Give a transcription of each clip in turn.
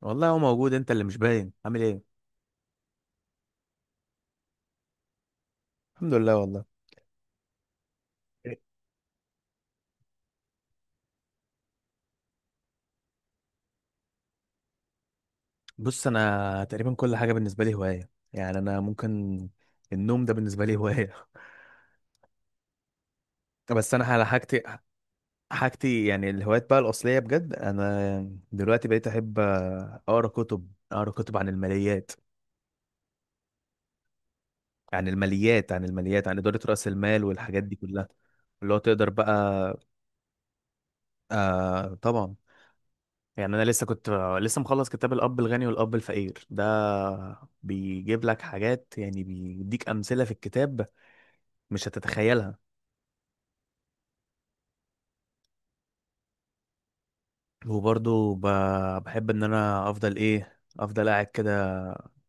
والله هو موجود، انت اللي مش باين. عامل ايه؟ الحمد لله والله. بص، انا تقريبا كل حاجه بالنسبه لي هوايه، يعني انا ممكن النوم ده بالنسبه لي هوايه. بس انا على حاجتي يعني. الهوايات بقى الاصليه بجد، انا دلوقتي بقيت احب اقرا كتب عن الماليات عن اداره راس المال والحاجات دي كلها اللي هو تقدر بقى. آه، طبعا. يعني انا لسه مخلص كتاب الاب الغني والاب الفقير ده، بيجيب لك حاجات، يعني بيديك امثله في الكتاب مش هتتخيلها. وبرضه بحب ان انا افضل قاعد كده،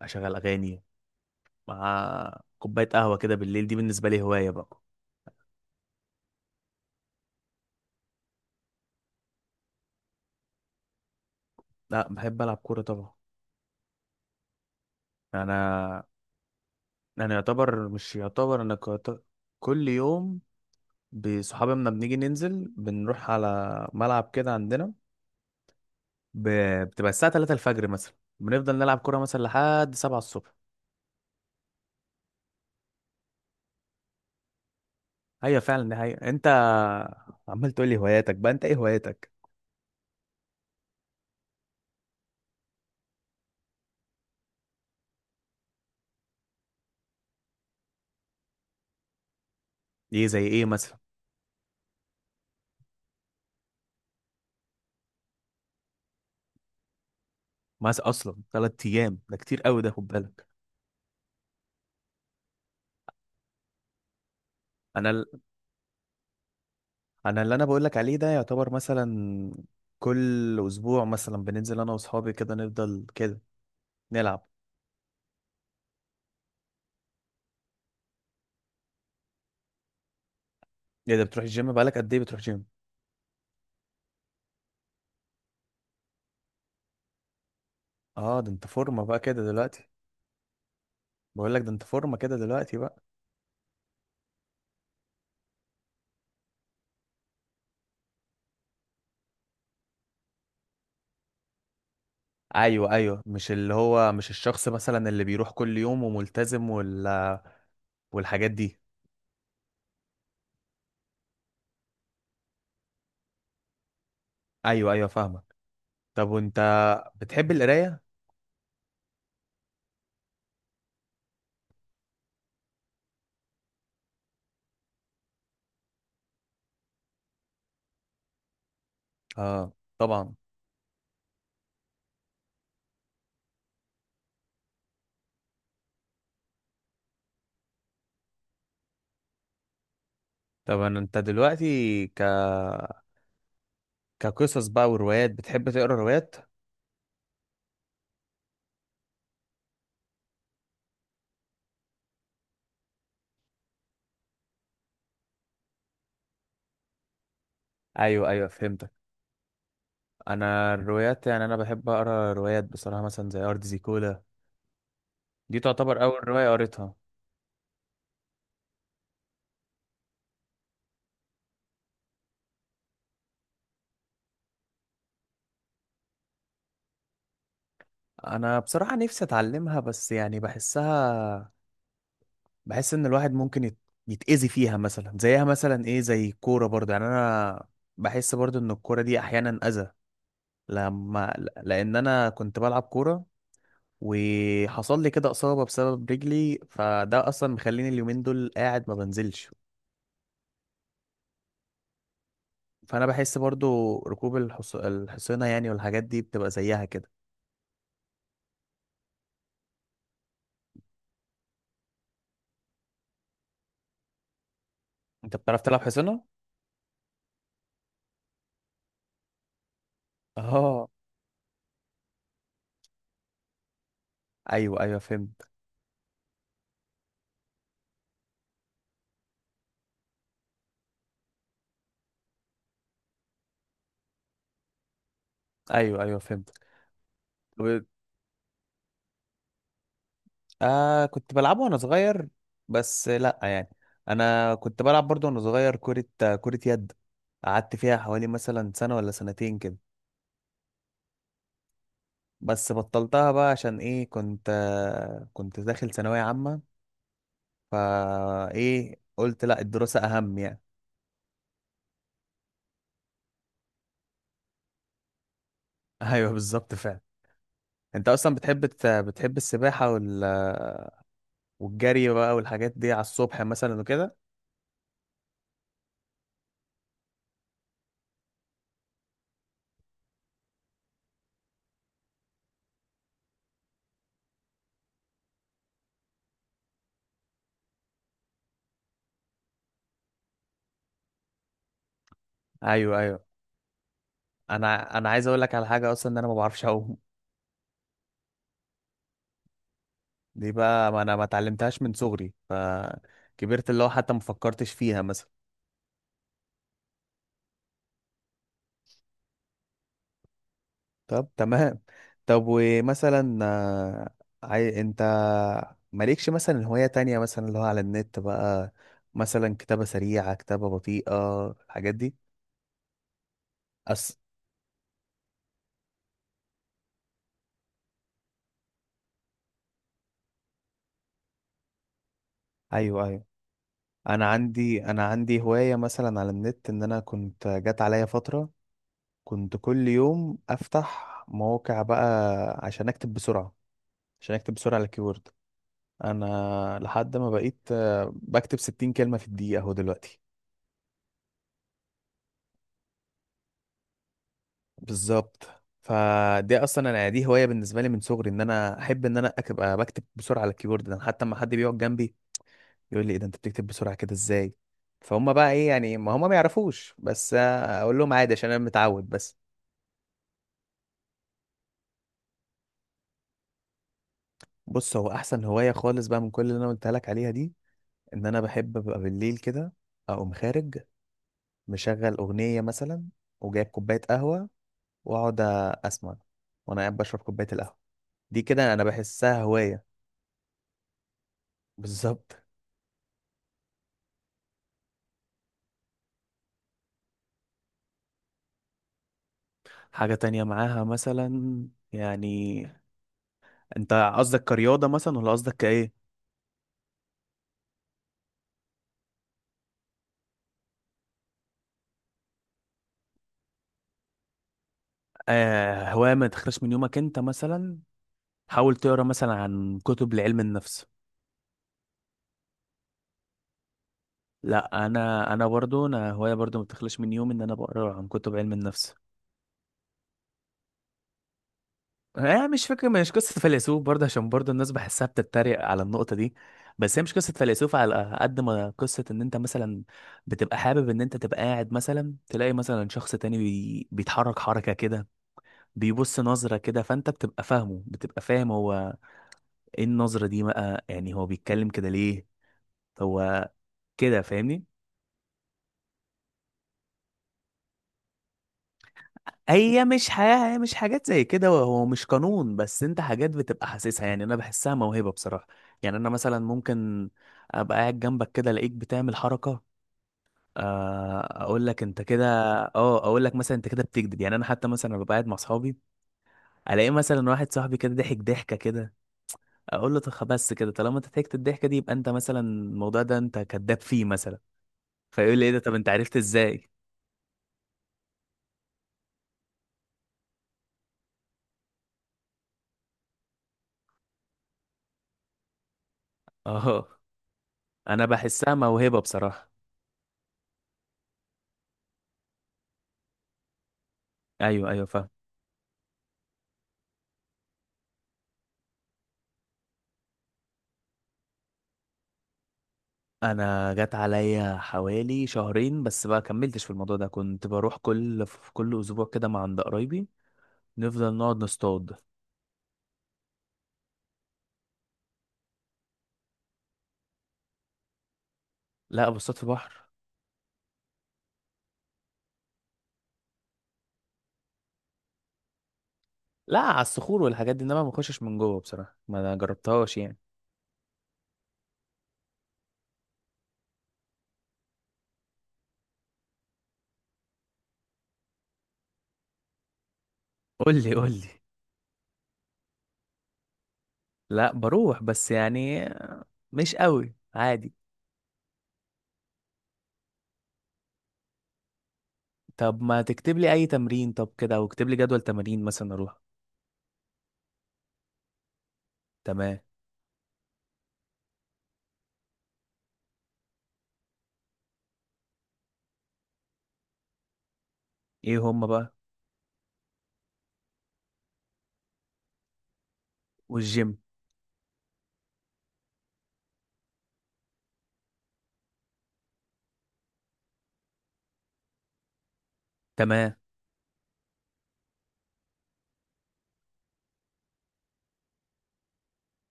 اشغل اغاني مع كوبايه قهوه كده بالليل. دي بالنسبه لي هوايه بقى. لا، بحب العب كوره طبعا. انا انا يعتبر مش يعتبر، انا كل يوم بصحابي لما بنيجي ننزل، بنروح على ملعب كده عندنا. ب... بتبقى الساعة 3 الفجر مثلا، بنفضل نلعب كورة مثلا لحد 7 الصبح. ايوه، فعلا، دي حقيقة. انت عمال تقول لي هواياتك بقى، انت ايه هواياتك؟ ايه زي ايه مثلا؟ مثلا اصلا 3 ايام ده كتير قوي ده، خد بالك. انا ال... انا اللي بقول لك عليه ده يعتبر مثلا كل اسبوع، مثلا بننزل انا واصحابي كده، نفضل كده نلعب. ايه ده، بتروح الجيم؟ بقالك قد ايه بتروح جيم؟ اه، ده انت فورمة بقى كده دلوقتي. بقول لك ده انت فورمة كده دلوقتي بقى. ايوه، ايوه، مش اللي هو مش الشخص مثلا اللي بيروح كل يوم وملتزم والحاجات دي. ايوه، ايوه، فاهمك. طب وانت، بتحب القرايه؟ اه، طبعا. طب انت دلوقتي كقصص بقى وروايات، بتحب تقرا روايات؟ ايوه، ايوه، فهمتك. انا الروايات، يعني انا بحب اقرا روايات بصراحه، مثلا زي ارض زيكولا، دي تعتبر اول روايه قريتها. انا بصراحه نفسي اتعلمها، بس يعني بحس ان الواحد ممكن يتأذي فيها مثلا، زيها مثلا ايه، زي الكوره برضه، يعني انا بحس برضه ان الكوره دي احيانا اذى لما لان انا كنت بلعب كوره وحصل لي كده اصابه بسبب رجلي، فده اصلا مخليني اليومين دول قاعد ما بنزلش. فانا بحس برضه ركوب الحصينه يعني والحاجات دي بتبقى زيها كده. انت بتعرف تلعب حصينه؟ اه. ايوه، ايوه، فهمت. ايوه، ايوه، فهمت. آه، كنت بلعبه وانا صغير، بس لا يعني. انا كنت بلعب برضه وانا صغير كرة يد. قعدت فيها حوالي مثلا سنة ولا سنتين كده، بس بطلتها بقى. عشان ايه؟ كنت داخل ثانوية عامة، فا ايه، قلت لا، الدراسة اهم يعني. ايوه، بالظبط، فعلا. انت اصلا بتحب السباحة والجري بقى والحاجات دي على الصبح مثلا وكده؟ ايوه، ايوه. انا عايز اقول لك على حاجة، اصلا ان انا ما بعرفش اعوم. دي بقى، ما انا ما اتعلمتهاش من صغري فكبرت، اللي هو حتى ما فكرتش فيها مثلا. طب تمام. طب ومثلا انت مالكش مثلا هواية تانية، مثلا اللي هو على النت بقى، مثلا كتابة سريعة، كتابة بطيئة، الحاجات دي؟ أس... ايوه، ايوه. انا عندي هواية مثلا على النت، ان انا كنت جات عليا فترة كنت كل يوم افتح مواقع بقى عشان اكتب بسرعة، عشان اكتب بسرعة على الكيبورد. انا لحد ما بقيت بكتب 60 كلمه في الدقيقه اهو دلوقتي. بالظبط. فدي اصلا، انا دي هوايه بالنسبه لي من صغري، ان انا احب ان انا ابقى بكتب بسرعه على الكيبورد. ده حتى لما حد بيقعد جنبي يقول لي ايه ده، انت بتكتب بسرعه كده ازاي. فهم بقى ايه يعني، ما هم ما يعرفوش، بس اقول لهم عادي، عشان انا متعود بس. بص، هو احسن هوايه خالص بقى من كل اللي انا قلتها لك عليها دي، ان انا بحب ابقى بالليل كده اقوم خارج، مشغل اغنيه مثلا وجايب كوبايه قهوه، واقعد اسمع وانا قاعد بشرب كوبايه القهوه. دي كده انا بحسها هوايه. بالظبط. حاجه تانية معاها مثلا؟ يعني انت قصدك كرياضه مثلا ولا قصدك كايه؟ آه، هوايه ما تخرجش من يومك؟ انت مثلا حاول تقرا مثلا عن كتب لعلم النفس. لا، انا برضو، انا هوايه برضو ما تخرجش من يومي ان انا بقرا عن كتب علم النفس. آه، مش فكرة، مش قصة فيلسوف برضه، عشان برضه الناس بحسها بتتريق على النقطة دي. بس هي مش قصة فيلسوف على قد ما قصة ان انت مثلا بتبقى حابب ان انت تبقى قاعد مثلا، تلاقي مثلا شخص تاني بيتحرك حركة كده، بيبص نظرة كده، فانت بتبقى فاهم هو ايه النظرة دي بقى، يعني هو بيتكلم كده ليه. هو كده فاهمني. هي مش حياة، هي مش حاجات زي كده، هو مش قانون، بس انت حاجات بتبقى حاسسها. يعني انا بحسها موهبة بصراحة. يعني انا مثلا ممكن ابقى قاعد جنبك كده الاقيك بتعمل حركة، اقول لك انت كده. اه، اقول لك مثلا انت كده بتكذب. يعني انا حتى مثلا ببقى قاعد مع اصحابي، الاقي مثلا واحد صاحبي كده ضحك ضحكة كده، اقول له طب بس كده، طالما انت ضحكت الضحكة دي يبقى انت مثلا الموضوع ده انت كذاب فيه مثلا. فيقول لي ايه ده، طب انت عرفت ازاي. اه، انا بحسها موهبة بصراحة. ايوه، ايوه، فاهم. انا جت عليا حوالي شهرين بس، بقى كملتش في الموضوع ده. كنت بروح في كل اسبوع كده مع عند قرايبي، نفضل نقعد نصطاد. لا، بصطاد في بحر. لا، على الصخور والحاجات دي، انما ما بخشش من جوه بصراحه، ما انا جربتهاش يعني. قول لي، قول لي. لا، بروح، بس يعني مش قوي عادي. طب ما تكتب لي اي تمرين طب كده، او اكتب لي جدول تمارين مثلا اروح. تمام. ايه هم بقى؟ والجيم. تمام.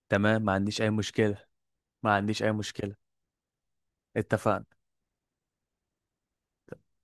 تمام، ما عنديش اي مشكله. ما عنديش اي مشكله. اتفقنا.